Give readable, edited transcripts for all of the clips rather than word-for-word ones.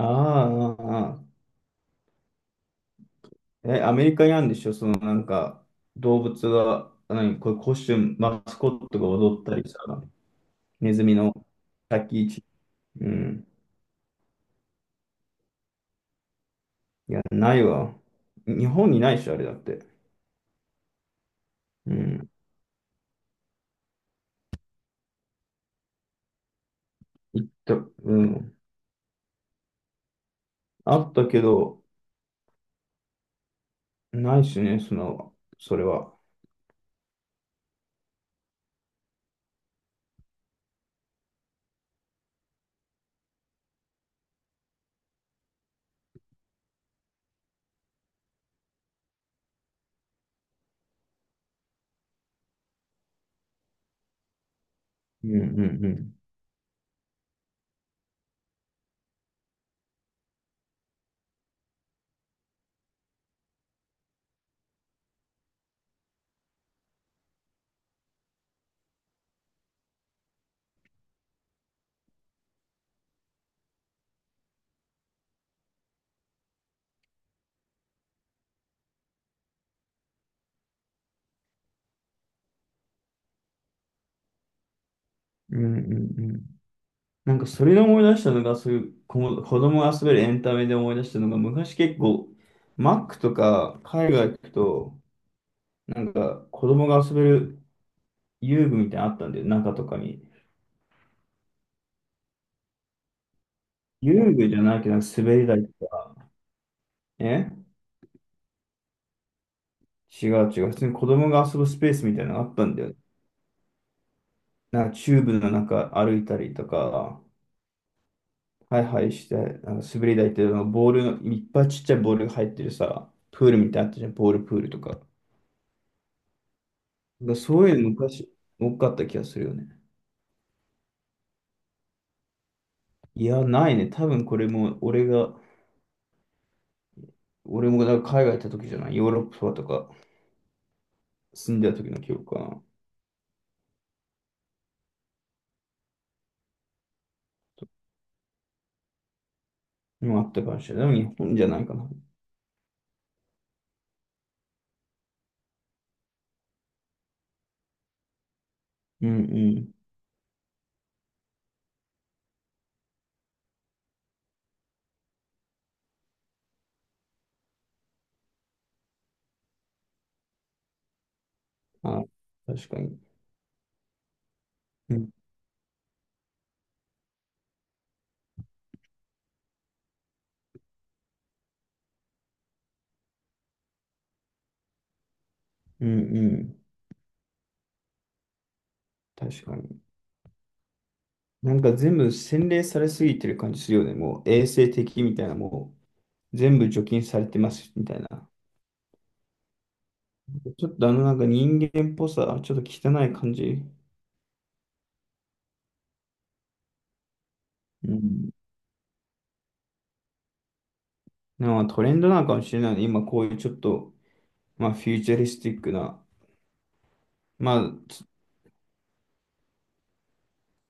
ああああ。え、アメリカにあるんでしょ？そのなんか、動物が、何、これコスチューム、マスコットが踊ったりさ。ネズミの先位チ、うん。いや、ないわ。日本にないし、あれだって。うん。行った、うん。あったけど、ないしね、その、それは。うんうんうん。うんうんうん。なんか、それで思い出したのが、そういう子供が遊べるエンタメで思い出したのが、昔結構、マックとか海外行くと、なんか、子供が遊べる遊具みたいなのあったんだよ、中とかに。遊具じゃないけど、なんか滑り台とか。え、違う違う。普通に子供が遊ぶスペースみたいなのがあったんだよ。なんか、チューブの中歩いたりとか、ハイハイして、なんか滑り台っていうのがボールの、いっぱいちっちゃいボールが入ってるさ、プールみたいなのあったじゃん、ボールプールとか。だからそういうの昔、多かった気がするよね。いや、ないね。多分これも、俺もだから海外行った時じゃない？ヨーロッパとか住んでた時の記憶かな。もあったかもしれない。でも日本じゃないかな。うんうん。あ、確かに。うんうんうん。確かに。なんか全部洗練されすぎてる感じするよね。もう衛生的みたいな、もう全部除菌されてますみたいな。ちょっとあのなんか人間っぽさ、ちょっと汚い感じ。うん。なんかトレンドなのかもしれないね。今こういうちょっと、まあフューチャリスティックな、まあ、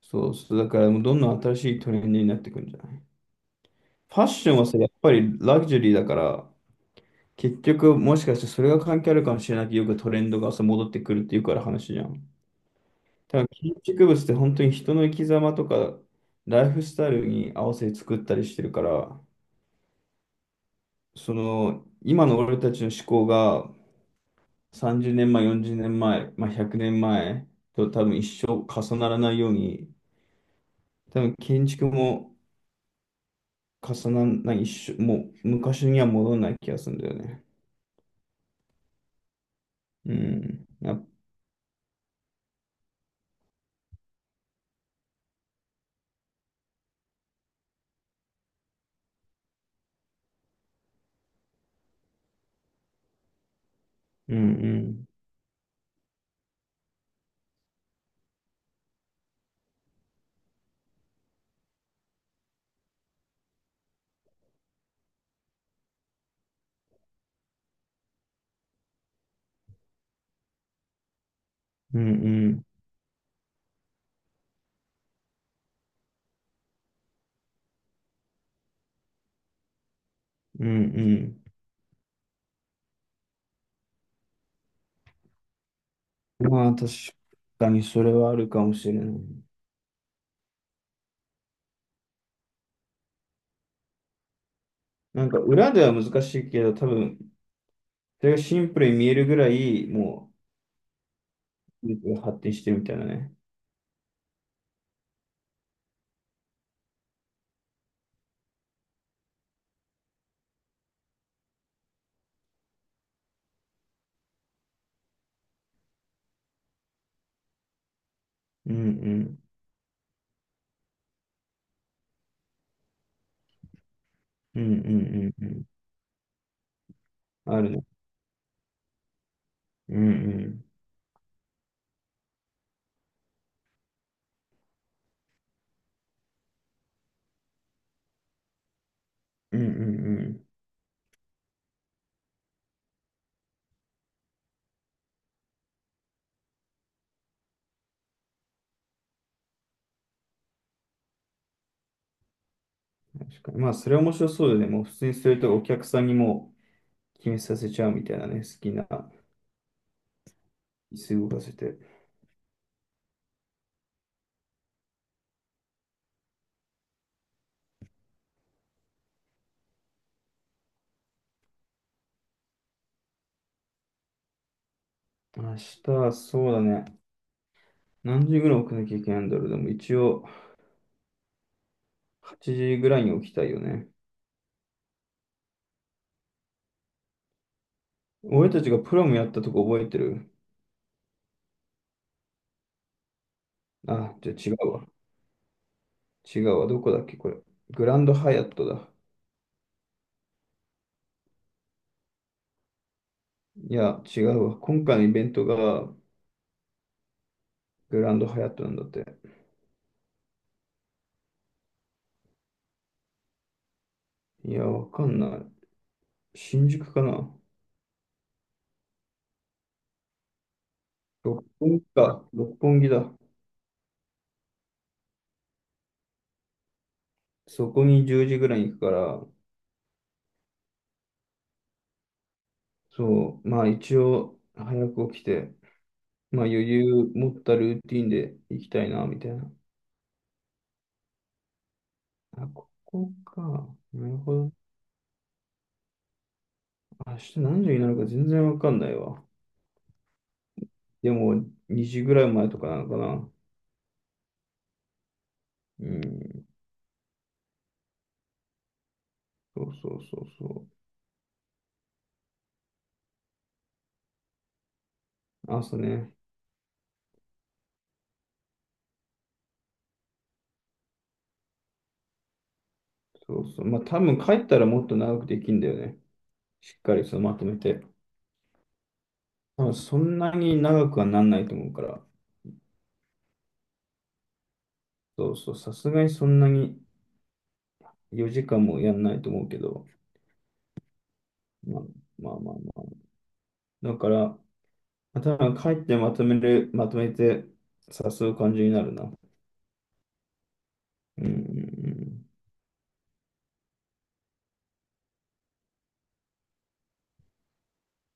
そうそう、だからもうどんどん新しいトレンドになってくるんじゃない？ファッションはさ、やっぱりラグジュアリーだから、結局、もしかしてそれが関係あるかもしれないけど、よくトレンドがさ戻ってくるっていうから話じゃん。ただ建築物って本当に人の生き様とか、ライフスタイルに合わせて作ったりしてるから、その、今の俺たちの思考が30年前、40年前、まあ、100年前と多分一生重ならないように、多分建築も重ならない、一生、もう昔には戻らない気がするんだよね。うん。うんうん。うんうん。うんうん。まあ、確かにそれはあるかもしれない。なんか、裏では難しいけど、多分、それがシンプルに見えるぐらい、もう、技術が発展してるみたいなね。うんうん。うんうんうんうん。あるね。うんうん。うんうんうん。確かに。まあ、それは面白そうだよね。もう、普通にそれとお客さんにもう決めさせちゃうみたいなね。好きな椅子動かせて。明日はそうだね。何時ぐらい起きなきゃいけないんだろう。でも、一応、8時ぐらいに起きたいよね。俺たちがプロムやったとこ覚えてる？あ、じゃあ違うわ。違うわ。どこだっけ、これ。グランドハヤットだ。いや、違うわ。今回のイベントがグランドハヤットなんだって。いや、わかんない。新宿かな。六本木か。六本木だ。そこに10時ぐらいに行くから、そう、まあ一応早く起きて、まあ余裕持ったルーティンで行きたいな、みたいな。あ、ここか。なるほど。明日何時になるか全然わかんないわ。でも2時ぐらい前とかなのかな。うん。そうそうそうそう。朝ね。そうそう。まあ多分帰ったらもっと長くできんだよね。しっかりそのまとめて。多分そんなに長くはなんないと思うから。そうそう。さすがにそんなに4時間もやんないと思うけど。まあまあまあまあ。だから、まあ多分帰ってまとめる、まとめて誘う感じになるな。うんうんうん。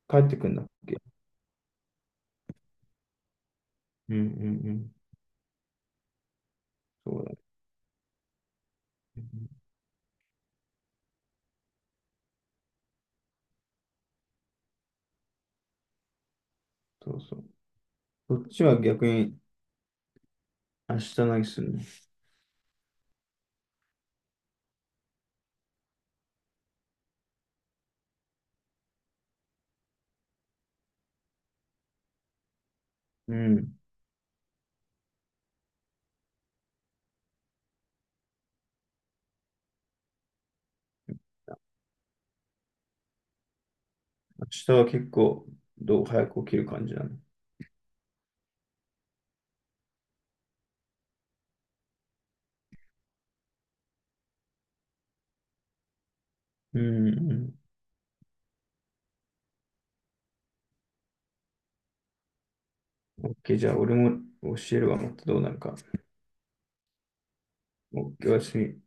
帰ってくんだっけ？うんうんうん。そうだね。そうそう。そっちは逆に明日何するの？うん。明日は結構、どう早く起きる感じなの？うん、うん。OK、じゃあ俺も教えるわ、もっとどうなるか。OK、おやすみ。